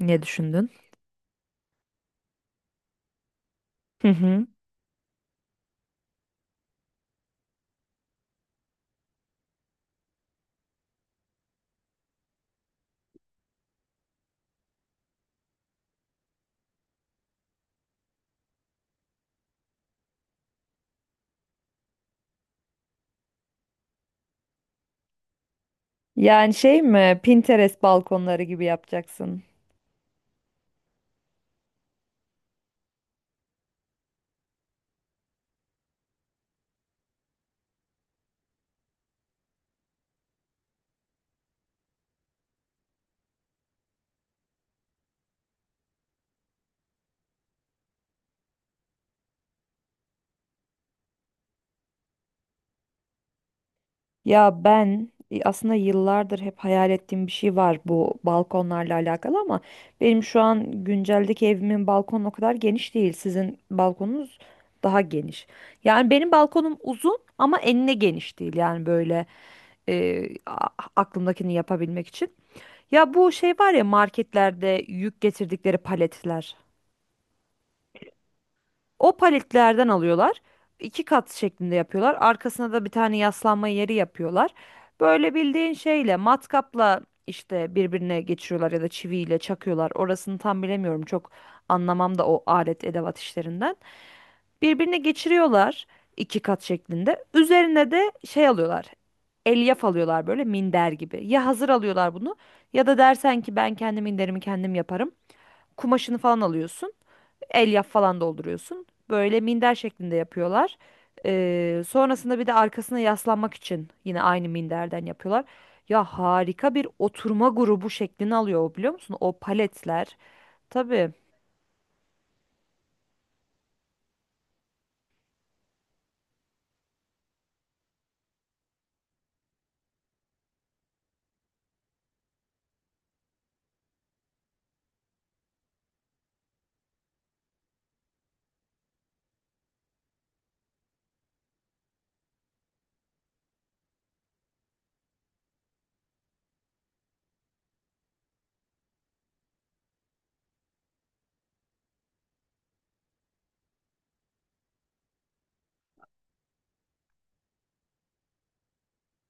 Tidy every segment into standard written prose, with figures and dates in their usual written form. Ne düşündün? Hı hı. Yani şey mi, Pinterest balkonları gibi yapacaksın? Ya ben, aslında yıllardır hep hayal ettiğim bir şey var bu balkonlarla alakalı ama benim şu an günceldeki evimin balkonu o kadar geniş değil. Sizin balkonunuz daha geniş. Yani benim balkonum uzun ama enine geniş değil. Yani böyle e, a- aklımdakini yapabilmek için. Ya bu şey var ya, marketlerde yük getirdikleri paletler. O paletlerden alıyorlar. İki kat şeklinde yapıyorlar. Arkasına da bir tane yaslanma yeri yapıyorlar. Böyle bildiğin şeyle, matkapla işte birbirine geçiriyorlar ya da çiviyle çakıyorlar. Orasını tam bilemiyorum. Çok anlamam da o alet edevat işlerinden. Birbirine geçiriyorlar iki kat şeklinde. Üzerine de şey alıyorlar. Elyaf alıyorlar, böyle minder gibi. Ya hazır alıyorlar bunu ya da dersen ki ben kendi minderimi kendim yaparım. Kumaşını falan alıyorsun. Elyaf falan dolduruyorsun. Böyle minder şeklinde yapıyorlar. Sonrasında bir de arkasına yaslanmak için yine aynı minderden yapıyorlar. Ya harika bir oturma grubu şeklini alıyor o, biliyor musun? O paletler. Tabii.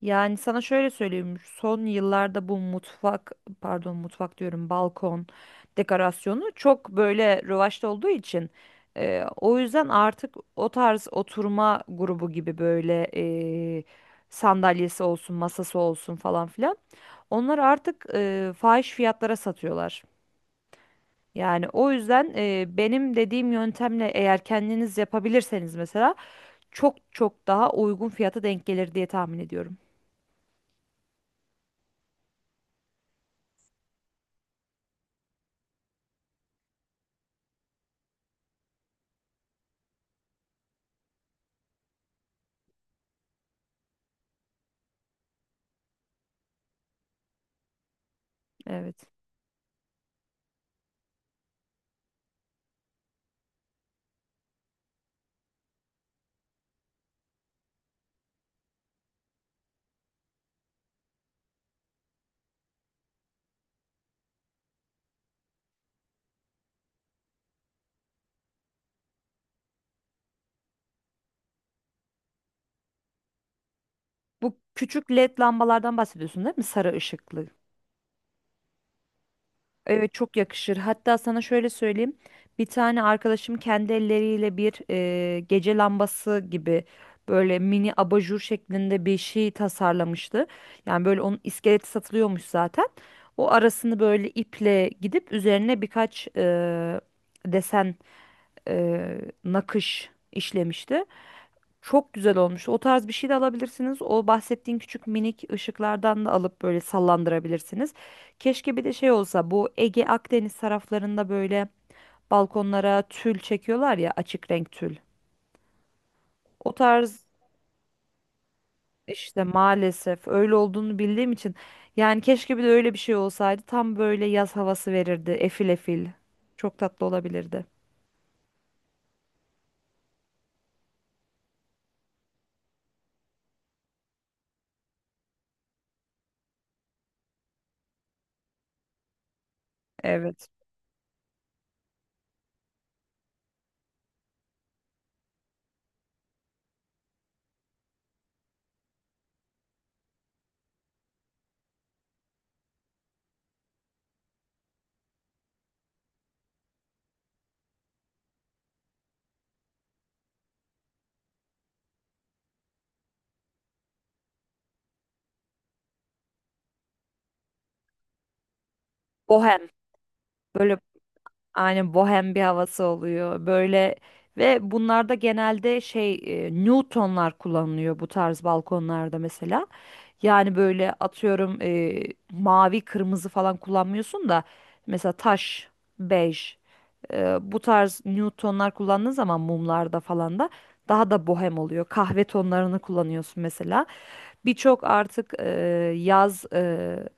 Yani sana şöyle söyleyeyim, son yıllarda bu mutfak, pardon mutfak diyorum, balkon dekorasyonu çok böyle rövaşta olduğu için, o yüzden artık o tarz oturma grubu gibi böyle, e, sandalyesi olsun, masası olsun falan filan. Onları artık fahiş fiyatlara satıyorlar. Yani o yüzden, benim dediğim yöntemle eğer kendiniz yapabilirseniz mesela çok çok daha uygun fiyata denk gelir diye tahmin ediyorum. Evet. Bu küçük LED lambalardan bahsediyorsun değil mi? Sarı ışıklı. Evet, çok yakışır. Hatta sana şöyle söyleyeyim. Bir tane arkadaşım kendi elleriyle bir, gece lambası gibi böyle mini abajur şeklinde bir şey tasarlamıştı. Yani böyle onun iskeleti satılıyormuş zaten. O arasını böyle iple gidip üzerine birkaç desen, e, nakış işlemişti. Çok güzel olmuş. O tarz bir şey de alabilirsiniz. O bahsettiğin küçük minik ışıklardan da alıp böyle sallandırabilirsiniz. Keşke bir de şey olsa, bu Ege Akdeniz taraflarında böyle balkonlara tül çekiyorlar ya, açık renk tül. O tarz işte maalesef öyle olduğunu bildiğim için, yani keşke bir de öyle bir şey olsaydı, tam böyle yaz havası verirdi. Efil efil. Çok tatlı olabilirdi. Evet. Bohem. Böyle aynen, bohem bir havası oluyor böyle. Ve bunlarda genelde şey, Newtonlar kullanılıyor bu tarz balkonlarda mesela. Yani böyle atıyorum, mavi kırmızı falan kullanmıyorsun da mesela taş, bej, bu tarz Newtonlar kullandığın zaman mumlarda falan da daha da bohem oluyor. Kahve tonlarını kullanıyorsun mesela. Birçok artık, yaz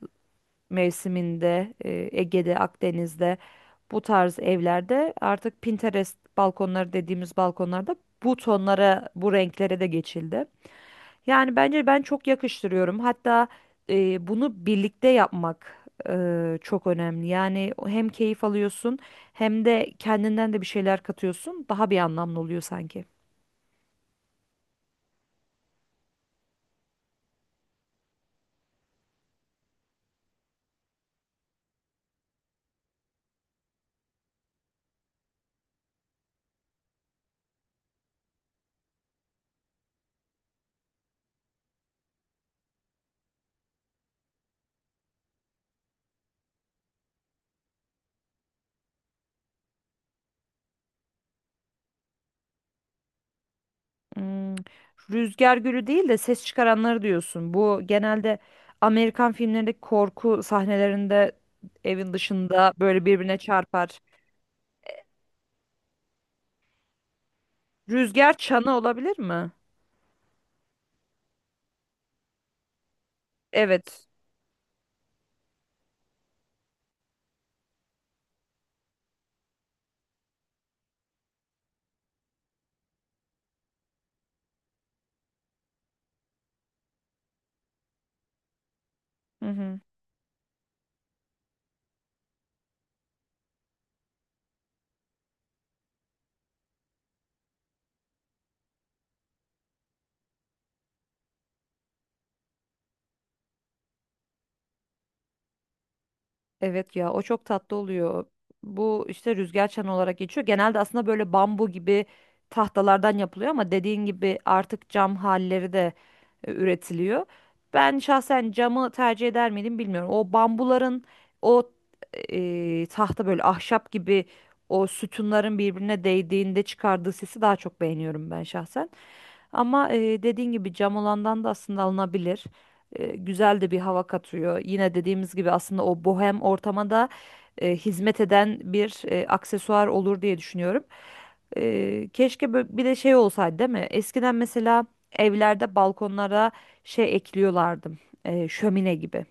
mevsiminde, Ege'de, Akdeniz'de, bu tarz evlerde artık Pinterest balkonları dediğimiz balkonlarda bu tonlara, bu renklere de geçildi. Yani bence ben çok yakıştırıyorum. Hatta bunu birlikte yapmak çok önemli. Yani hem keyif alıyorsun hem de kendinden de bir şeyler katıyorsun. Daha bir anlamlı oluyor sanki. Hmm, rüzgar gülü değil de ses çıkaranları diyorsun. Bu genelde Amerikan filmlerindeki korku sahnelerinde evin dışında böyle birbirine çarpar. Rüzgar çanı olabilir mi? Evet. Hı hı. Evet ya, o çok tatlı oluyor. Bu işte rüzgar çanı olarak geçiyor. Genelde aslında böyle bambu gibi tahtalardan yapılıyor ama dediğin gibi artık cam halleri de üretiliyor. Ben şahsen camı tercih eder miydim bilmiyorum. O bambuların o tahta böyle ahşap gibi o sütunların birbirine değdiğinde çıkardığı sesi daha çok beğeniyorum ben şahsen. Ama dediğin gibi cam olandan da aslında alınabilir. Güzel de bir hava katıyor. Yine dediğimiz gibi aslında o bohem ortama da hizmet eden bir aksesuar olur diye düşünüyorum. Keşke bir de şey olsaydı değil mi? Eskiden mesela evlerde balkonlara şey ekliyorlardı. Şömine gibi.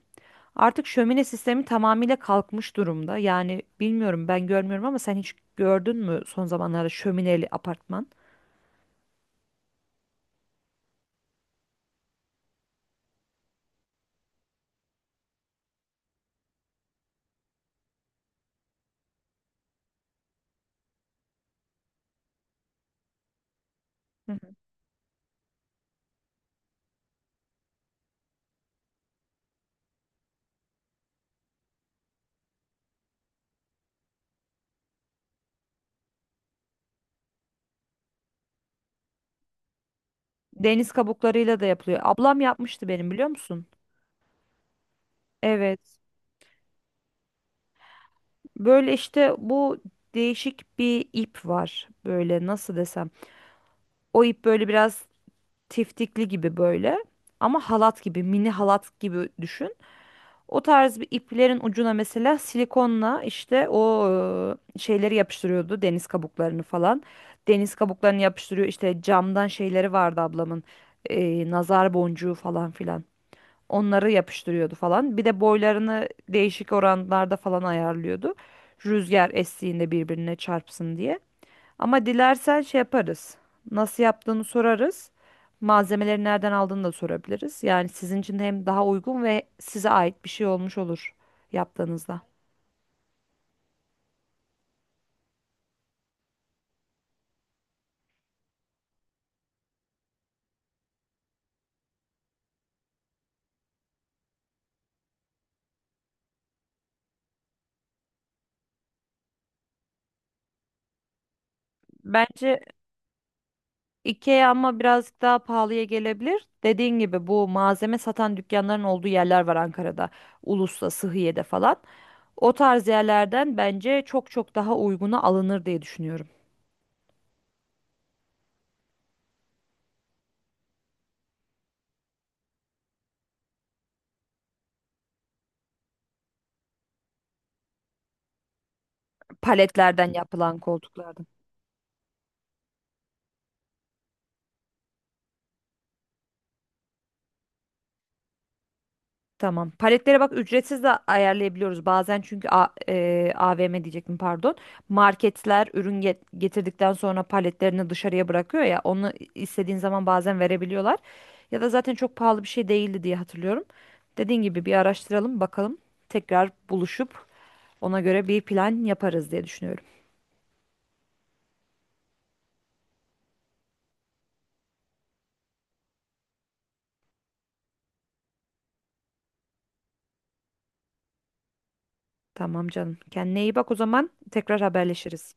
Artık şömine sistemi tamamıyla kalkmış durumda. Yani bilmiyorum, ben görmüyorum ama sen hiç gördün mü son zamanlarda şömineli apartman? Deniz kabuklarıyla da yapılıyor. Ablam yapmıştı benim, biliyor musun? Evet. Böyle işte bu değişik bir ip var. Böyle nasıl desem. O ip böyle biraz tiftikli gibi böyle. Ama halat gibi, mini halat gibi düşün. O tarz bir iplerin ucuna mesela silikonla işte o şeyleri yapıştırıyordu. Deniz kabuklarını falan. Deniz kabuklarını yapıştırıyor. İşte camdan şeyleri vardı ablamın. Nazar boncuğu falan filan. Onları yapıştırıyordu falan. Bir de boylarını değişik oranlarda falan ayarlıyordu. Rüzgar estiğinde birbirine çarpsın diye. Ama dilersen şey yaparız. Nasıl yaptığını sorarız. Malzemeleri nereden aldığını da sorabiliriz. Yani sizin için hem daha uygun ve size ait bir şey olmuş olur yaptığınızda. Bence IKEA ama birazcık daha pahalıya gelebilir. Dediğin gibi bu malzeme satan dükkanların olduğu yerler var Ankara'da. Ulus'ta, Sıhhiye'de falan. O tarz yerlerden bence çok çok daha uyguna alınır diye düşünüyorum. Paletlerden yapılan koltuklardan. Tamam. Paletlere bak, ücretsiz de ayarlayabiliyoruz bazen çünkü AVM diyecektim, pardon. Marketler ürün getirdikten sonra paletlerini dışarıya bırakıyor ya, onu istediğin zaman bazen verebiliyorlar. Ya da zaten çok pahalı bir şey değildi diye hatırlıyorum. Dediğin gibi bir araştıralım bakalım. Tekrar buluşup ona göre bir plan yaparız diye düşünüyorum. Tamam canım. Kendine iyi bak o zaman. Tekrar haberleşiriz.